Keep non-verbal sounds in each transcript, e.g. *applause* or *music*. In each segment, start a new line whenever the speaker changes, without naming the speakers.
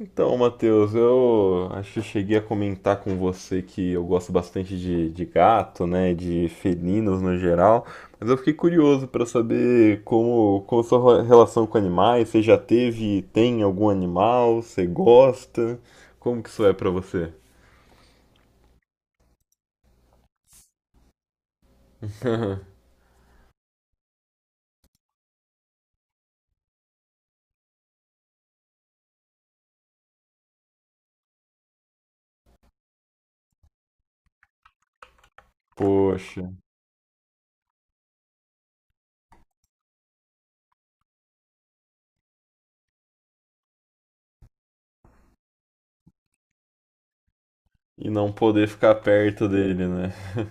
Então, Matheus, eu acho que eu cheguei a comentar com você que eu gosto bastante de gato, né, de felinos no geral, mas eu fiquei curioso para saber como a sua relação com animais, você já teve, tem algum animal, você gosta, como que isso é para você? Poxa, e não poder ficar perto dele, né? *laughs*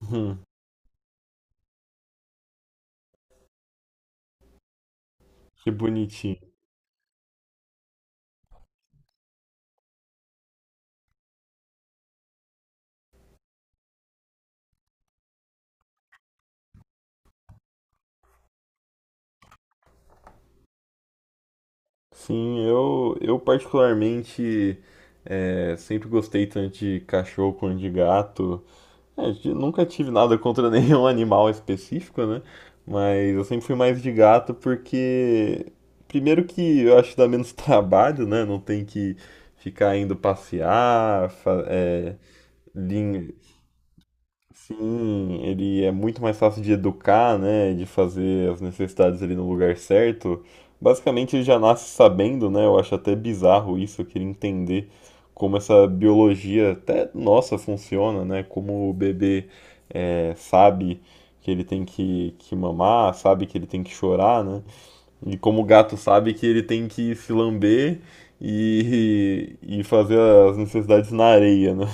Hum, que bonitinho. Sim, eu particularmente sempre gostei tanto de cachorro quanto de gato. É, eu nunca tive nada contra *laughs* nenhum animal específico, né? Mas eu sempre fui mais de gato porque, primeiro que eu acho que dá menos *laughs* trabalho, né? Não tem que ficar indo passear, sim, ele é muito mais fácil de educar, né, de fazer as necessidades ali no lugar certo. Basicamente ele já nasce sabendo, né? Eu acho até bizarro isso, eu queria entender como essa biologia até nossa funciona, né? Como o bebê sabe que ele tem que mamar, sabe que ele tem que chorar, né? E como o gato sabe que ele tem que se lamber e, *laughs* e fazer as necessidades na areia, né?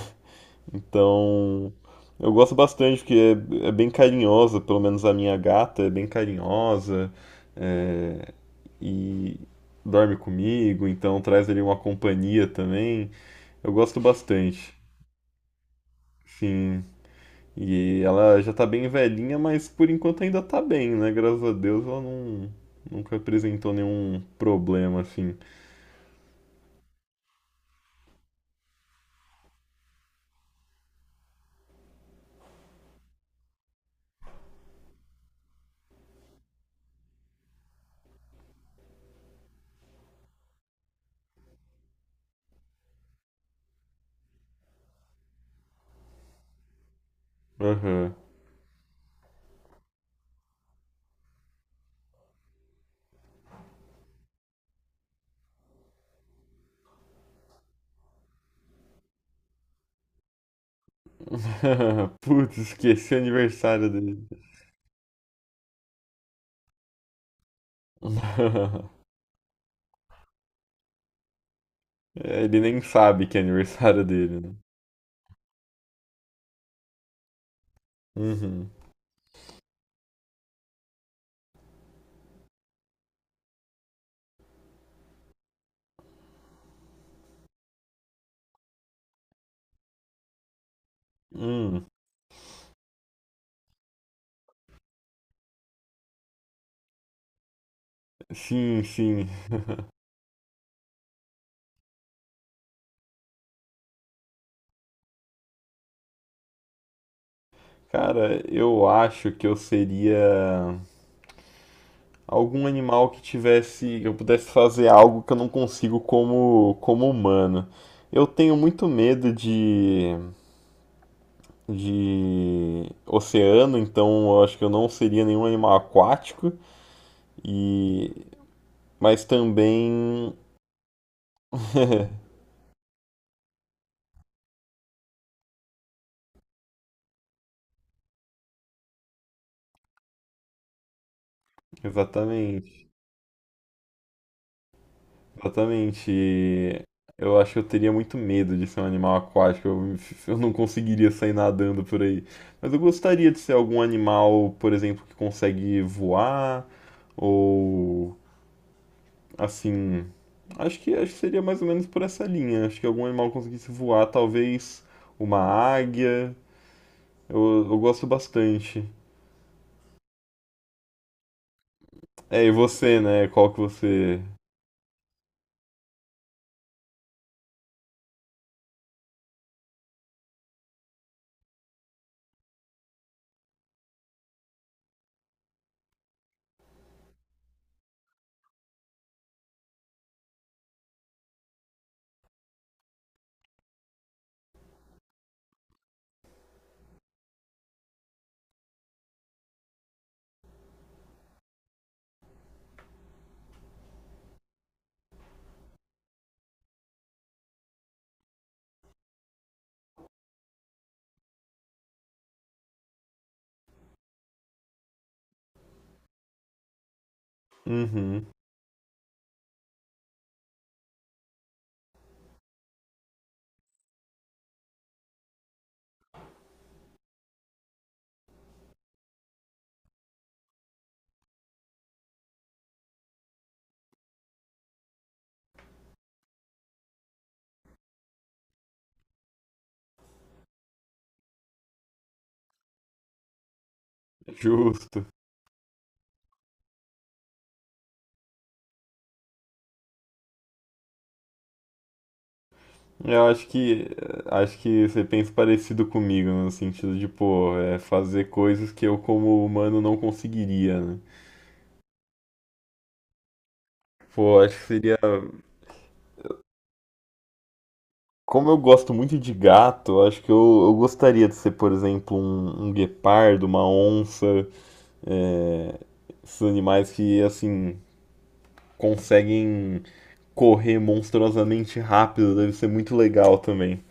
Então, eu gosto bastante porque é bem carinhosa, pelo menos a minha gata é bem carinhosa, é, e dorme comigo, então traz ali uma companhia também. Eu gosto bastante, sim. E ela já tá bem velhinha, mas por enquanto ainda tá bem, né? Graças a Deus ela não, nunca apresentou nenhum problema assim. Aham. *laughs* Putz, esqueci o aniversário dele. É, ele nem sabe que é aniversário dele, né? Uhum. Hum, sim, sim. Cara, eu acho que eu seria algum animal que tivesse, eu pudesse fazer algo que eu não consigo como humano. Eu tenho muito medo de oceano, então eu acho que eu não seria nenhum animal aquático e mas também *laughs* exatamente. Exatamente. E eu acho que eu teria muito medo de ser um animal aquático. Eu, *laughs* eu não conseguiria sair nadando por aí. Mas eu gostaria de ser algum animal, por exemplo, que consegue voar ou assim. Acho que seria mais ou menos por essa linha. Acho que algum animal conseguisse voar, talvez uma águia. Eu gosto bastante. É, e você, né? Qual que você? Uhum, justo. Eu acho que você pensa parecido comigo, no sentido de, pô, é fazer coisas que eu como humano não conseguiria, né? Pô, acho que seria. Como eu gosto muito de gato, acho que eu gostaria de ser, por exemplo, um guepardo, uma onça, é, esses animais que, assim, conseguem correr monstruosamente rápido, deve ser muito legal também.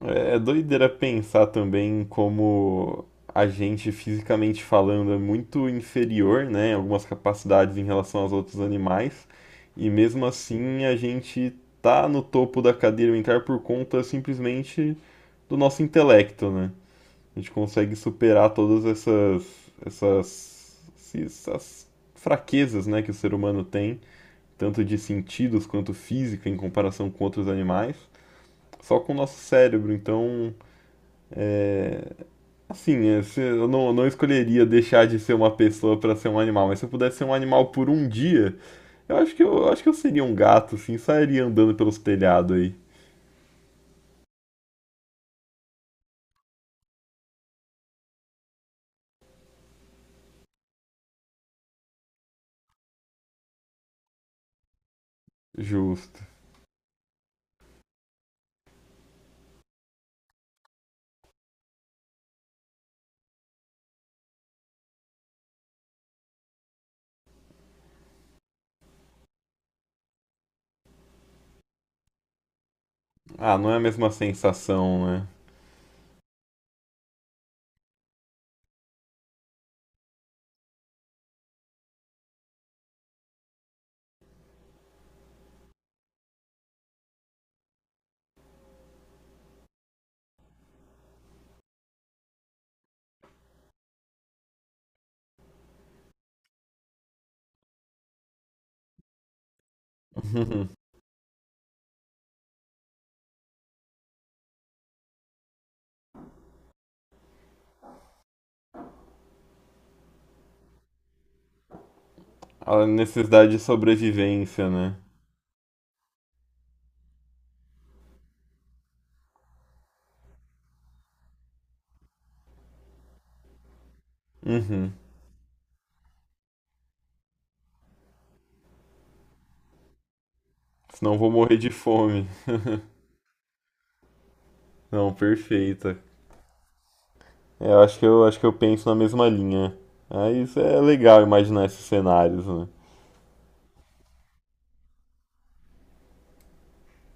É é doideira pensar também como a gente, fisicamente falando, é muito inferior, né, em algumas capacidades em relação aos outros animais, e mesmo assim a gente tá no topo da cadeia alimentar por conta simplesmente do nosso intelecto, né? A gente consegue superar todas essas fraquezas, né, que o ser humano tem, tanto de sentidos quanto física em comparação com outros animais, só com o nosso cérebro, então. É, assim, é, eu não escolheria deixar de ser uma pessoa pra ser um animal, mas se eu pudesse ser um animal por um dia, eu acho que eu acho que eu seria um gato, assim, sairia andando pelos telhados aí. Justo. Ah, não é a mesma sensação, né? *laughs* A necessidade de sobrevivência, né? Uhum. Senão eu vou morrer de fome. Não, perfeita. É, eu acho que eu acho que eu penso na mesma linha. Mas é legal imaginar esses cenários, né?